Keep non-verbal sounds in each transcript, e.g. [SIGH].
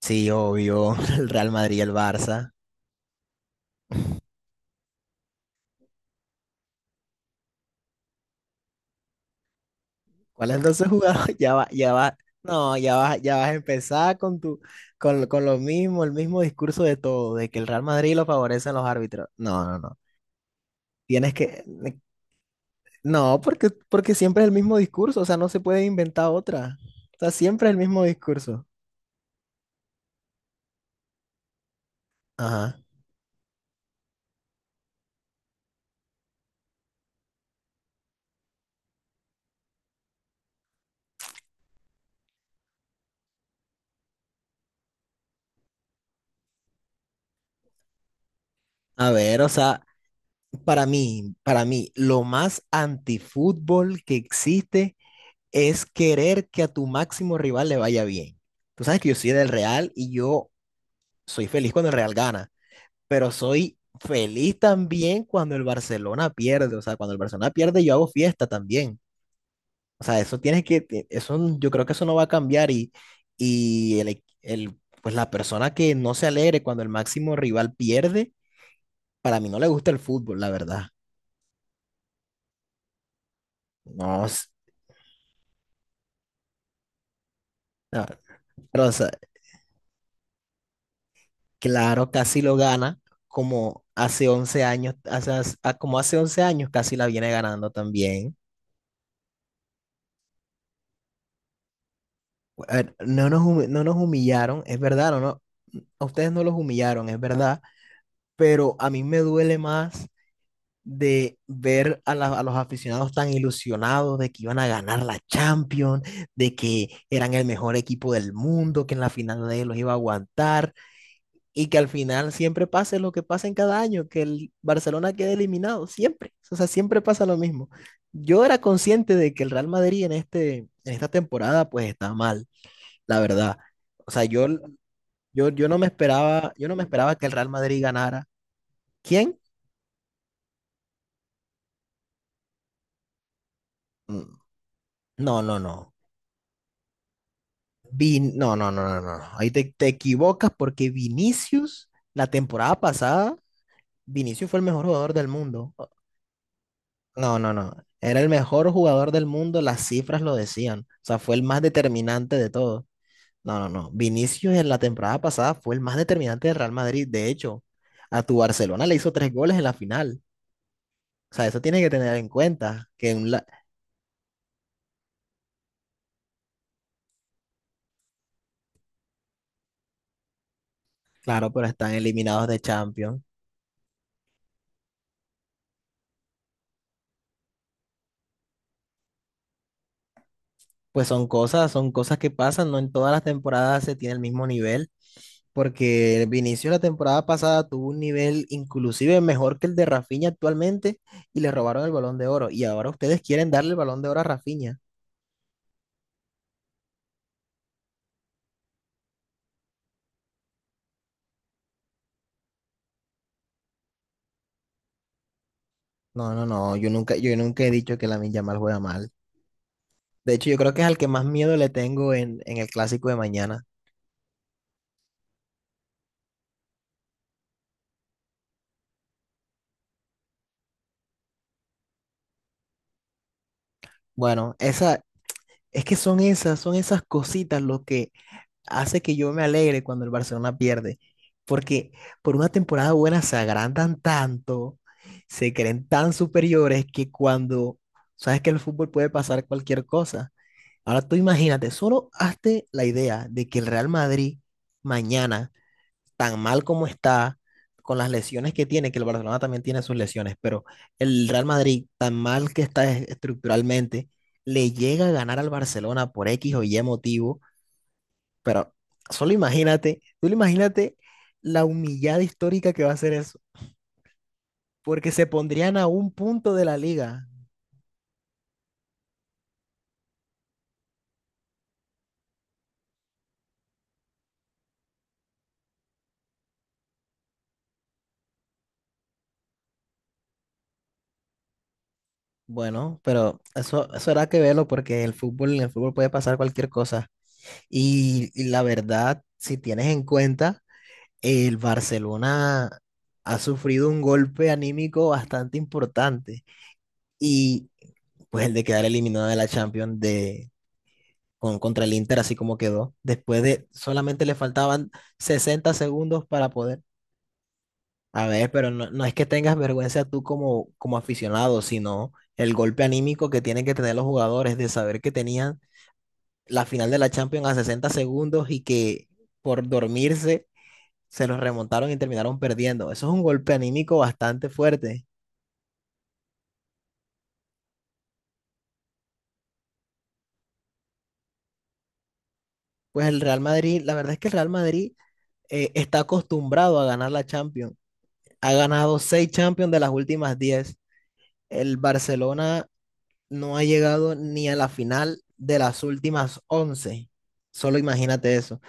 Sí, obvio, [LAUGHS] el Real Madrid y el Barça. ¿Cuál es entonces jugador? [LAUGHS] Ya va, no, ya vas a empezar con lo mismo, el mismo discurso de todo, de que el Real Madrid lo favorecen los árbitros. No, no, no. Tienes que, no, porque siempre es el mismo discurso, o sea, no se puede inventar otra. O sea, siempre es el mismo discurso. Ajá. A ver, o sea, para mí, lo más antifútbol que existe es querer que a tu máximo rival le vaya bien. Tú sabes que yo soy del Real y yo soy feliz cuando el Real gana, pero soy feliz también cuando el Barcelona pierde. O sea, cuando el Barcelona pierde, yo hago fiesta también. O sea, eso tienes que, eso, yo creo que eso no va a cambiar y, y el, pues la persona que no se alegre cuando el máximo rival pierde, para mí no le gusta el fútbol, la verdad. No, no, pero, o sea, claro, casi lo gana, como hace 11 años, como hace 11 años casi la viene ganando también. A ver, no nos humillaron, es verdad, no, no, a ustedes no los humillaron, es verdad, pero a mí me duele más de ver a los aficionados tan ilusionados de que iban a ganar la Champions, de que eran el mejor equipo del mundo, que en la final nadie los iba a aguantar, y que al final siempre pase lo que pasa en cada año, que el Barcelona quede eliminado, siempre. O sea, siempre pasa lo mismo. Yo era consciente de que el Real Madrid en esta temporada pues está mal, la verdad. O sea, yo no me esperaba, yo no me esperaba que el Real Madrid ganara. ¿Quién? Mm, No, no, no. No, no, no, no, no, no. Ahí te equivocas porque Vinicius, la temporada pasada, Vinicius fue el mejor jugador del mundo. No, no, no. Era el mejor jugador del mundo, las cifras lo decían. O sea, fue el más determinante de todo. No, no, no. Vinicius en la temporada pasada fue el más determinante del Real Madrid. De hecho, a tu Barcelona le hizo 3 goles en la final. O sea, eso tiene que tener en cuenta. Que un la- Claro, pero están eliminados de Champions. Pues son cosas que pasan. No en todas las temporadas se tiene el mismo nivel. Porque Vinicius la temporada pasada tuvo un nivel inclusive mejor que el de Rafinha actualmente y le robaron el Balón de Oro. Y ahora ustedes quieren darle el Balón de Oro a Rafinha. No, no, no, yo nunca he dicho que Lamine Yamal juega mal. De hecho, yo creo que es al que más miedo le tengo en, el clásico de mañana. Bueno, es que son esas cositas lo que hace que yo me alegre cuando el Barcelona pierde, porque por una temporada buena se agrandan tanto, se creen tan superiores que cuando sabes que el fútbol puede pasar cualquier cosa. Ahora tú imagínate, solo hazte la idea de que el Real Madrid mañana, tan mal como está, con las lesiones que tiene, que el Barcelona también tiene sus lesiones, pero el Real Madrid, tan mal que está estructuralmente, le llega a ganar al Barcelona por X o Y motivo. Pero solo imagínate la humillada histórica que va a ser eso, porque se pondrían a un punto de la liga. Bueno, pero eso era que verlo porque el fútbol, en el fútbol puede pasar cualquier cosa. Y la verdad, si tienes en cuenta, el Barcelona ha sufrido un golpe anímico bastante importante. Y pues el de quedar eliminado de la Champions contra el Inter, así como quedó. Después de solamente le faltaban 60 segundos para poder. A ver, pero no, no es que tengas vergüenza tú como aficionado, sino el golpe anímico que tienen que tener los jugadores de saber que tenían la final de la Champions a 60 segundos y que por dormirse se los remontaron y terminaron perdiendo. Eso es un golpe anímico bastante fuerte. Pues el Real Madrid, la verdad es que el Real Madrid está acostumbrado a ganar la Champions. Ha ganado 6 Champions de las últimas 10. El Barcelona no ha llegado ni a la final de las últimas 11. Solo imagínate eso.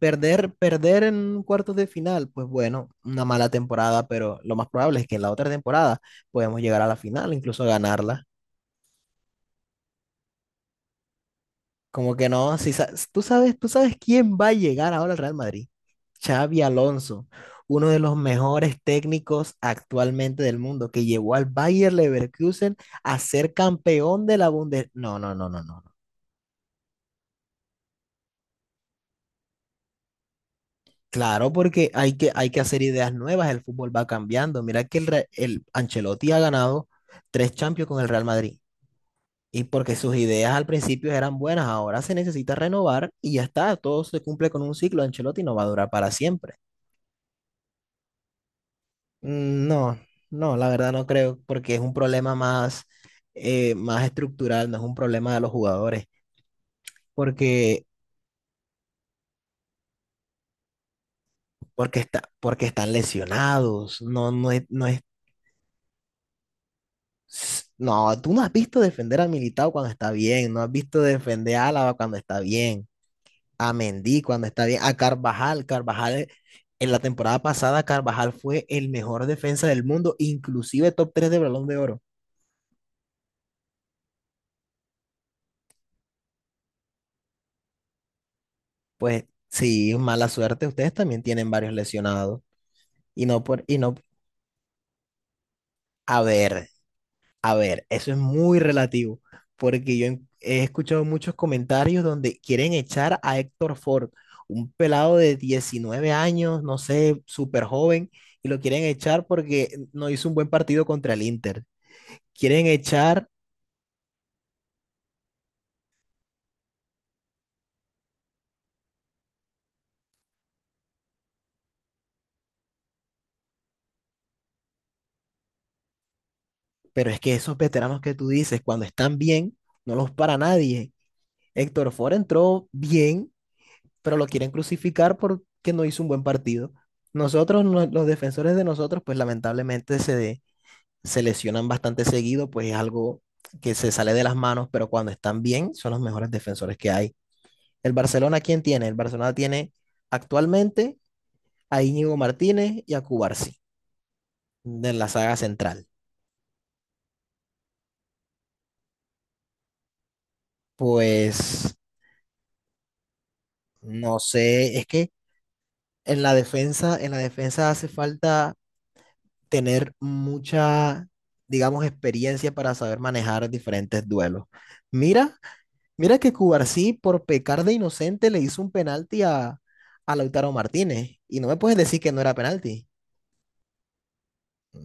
Perder, perder en cuartos de final, pues bueno, una mala temporada, pero lo más probable es que en la otra temporada podemos llegar a la final, incluso ganarla. Como que no, si sa- tú sabes, quién va a llegar ahora al Real Madrid. Xavi Alonso, uno de los mejores técnicos actualmente del mundo, que llevó al Bayer Leverkusen a ser campeón de la bundes. No, no, no, no, no. Claro, porque hay que hacer ideas nuevas, el fútbol va cambiando. Mira que el Ancelotti ha ganado 3 Champions con el Real Madrid. Y porque sus ideas al principio eran buenas, ahora se necesita renovar y ya está, todo se cumple con un ciclo. Ancelotti no va a durar para siempre. No, no, la verdad no creo, porque es un problema más, más estructural, no es un problema de los jugadores, porque, porque están lesionados, no, no es No, tú no has visto defender a Militao cuando está bien, no has visto defender a Álava cuando está bien, a Mendy cuando está bien, a Carvajal. Carvajal, en la temporada pasada, Carvajal fue el mejor defensa del mundo, inclusive top 3 de Balón de Oro. Pues sí, mala suerte, ustedes también tienen varios lesionados. Y no por, y no, a ver. A ver, eso es muy relativo, porque yo he escuchado muchos comentarios donde quieren echar a Héctor Ford, un pelado de 19 años, no sé, súper joven, y lo quieren echar porque no hizo un buen partido contra el Inter. Quieren echar, pero es que esos veteranos que tú dices, cuando están bien, no los para nadie. Héctor Ford entró bien, pero lo quieren crucificar porque no hizo un buen partido. Nosotros, los defensores de nosotros, pues lamentablemente se lesionan bastante seguido, pues es algo que se sale de las manos, pero cuando están bien son los mejores defensores que hay. ¿El Barcelona quién tiene? El Barcelona tiene actualmente a Íñigo Martínez y a Cubarsi de la saga central. Pues no sé, es que en la defensa, hace falta tener mucha, digamos, experiencia para saber manejar diferentes duelos. Mira Mira que Cubarsí, por pecar de inocente, le hizo un penalti a Lautaro Martínez. Y no me puedes decir que no era penalti.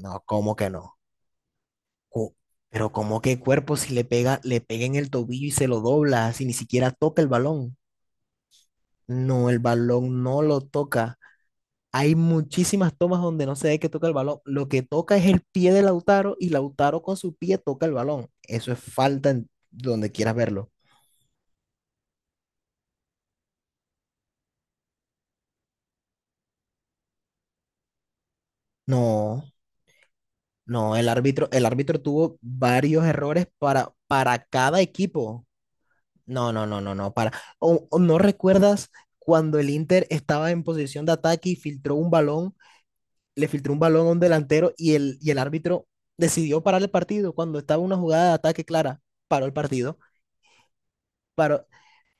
No, ¿cómo que no? Cu- Pero ¿cómo que cuerpo si le pega en el tobillo y se lo dobla, si ni siquiera toca el balón? No, el balón no lo toca. Hay muchísimas tomas donde no se ve que toca el balón. Lo que toca es el pie de Lautaro y Lautaro con su pie toca el balón. Eso es falta en donde quieras verlo. No. No, el árbitro tuvo varios errores para cada equipo. No, no, no, no, no. O ¿no recuerdas cuando el Inter estaba en posición de ataque y le filtró un balón a un delantero y y el árbitro decidió parar el partido cuando estaba una jugada de ataque clara? Paró el partido. Paró,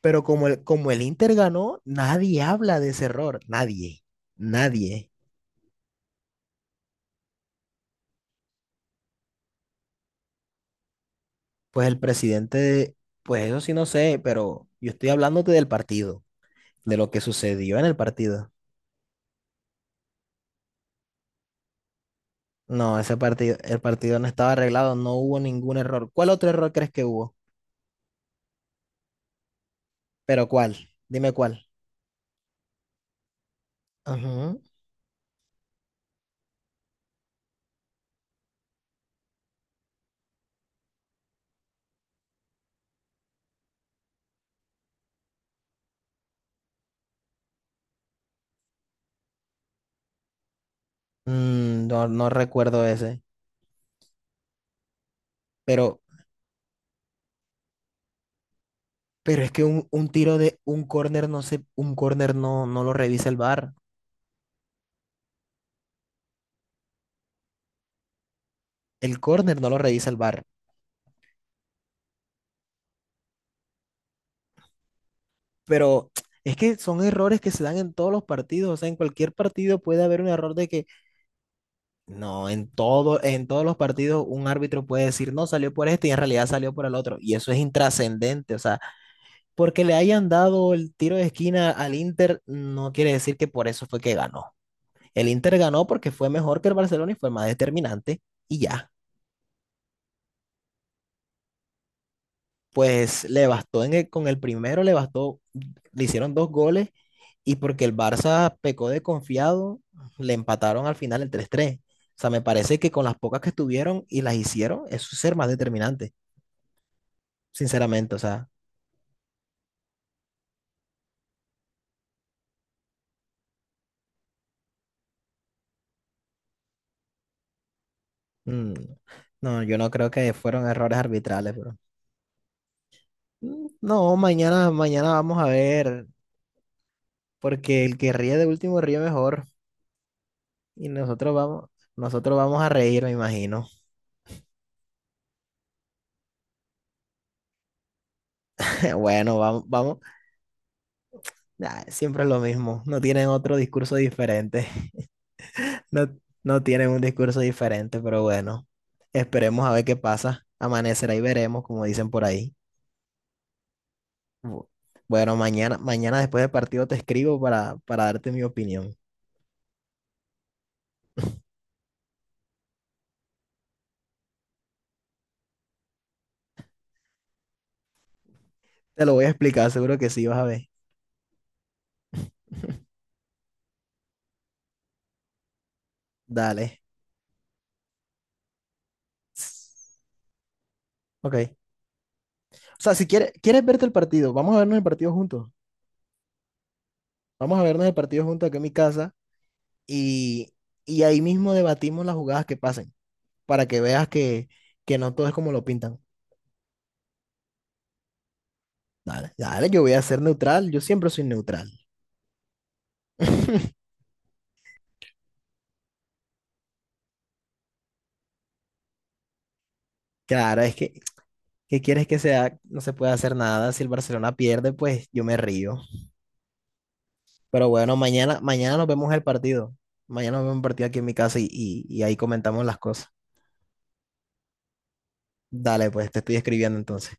pero como el Inter ganó, nadie habla de ese error. Nadie. Nadie. Pues el presidente, pues eso sí no sé, pero yo estoy hablándote del partido, de lo que sucedió en el partido. No, ese partido, el partido no estaba arreglado, no hubo ningún error. ¿Cuál otro error crees que hubo? ¿Pero cuál? Dime cuál. Ujú. No, no recuerdo ese. Pero, pero es que un tiro de un córner no se, un córner no lo revisa el VAR. El córner no lo revisa el VAR. Pero [TSK] es que son errores que se dan en todos los partidos. O sea, en cualquier partido puede haber un error de que. No, en todo, en todos los partidos un árbitro puede decir, no, salió por este y en realidad salió por el otro. Y eso es intrascendente. O sea, porque le hayan dado el tiro de esquina al Inter no quiere decir que por eso fue que ganó. El Inter ganó porque fue mejor que el Barcelona y fue más determinante y ya. Pues le bastó con el primero, le bastó, le hicieron 2 goles y porque el Barça pecó de confiado, le empataron al final el 3-3. O sea, me parece que con las pocas que tuvieron y las hicieron, eso es ser más determinante. Sinceramente, o sea, mm, no, yo no creo que fueron errores arbitrales, pero no, mañana vamos a ver, porque el que ríe de último ríe mejor y nosotros vamos, a reír, me imagino. [LAUGHS] Bueno, vamos, vamos, ah, siempre es lo mismo, no tienen otro discurso diferente, [LAUGHS] no, no tienen un discurso diferente, pero bueno, esperemos a ver qué pasa, amanecerá y veremos, como dicen por ahí. Bu- Bueno, mañana después del partido te escribo para darte mi opinión. Te lo voy a explicar, seguro que sí, vas a ver. Dale. Ok. O sea, si quieres verte el partido, vamos a vernos el partido juntos. Vamos a vernos el partido juntos aquí en mi casa y, y ahí mismo debatimos las jugadas que pasen para que veas que, no todo es como lo pintan. Dale, dale, yo voy a ser neutral, yo siempre soy neutral. [LAUGHS] Claro, es que, ¿qué quieres que sea? No se puede hacer nada. Si el Barcelona pierde, pues yo me río. Pero bueno, mañana nos vemos el partido. Mañana, nos vemos el partido aquí en mi casa y, y ahí comentamos las cosas. Dale, pues te estoy escribiendo entonces.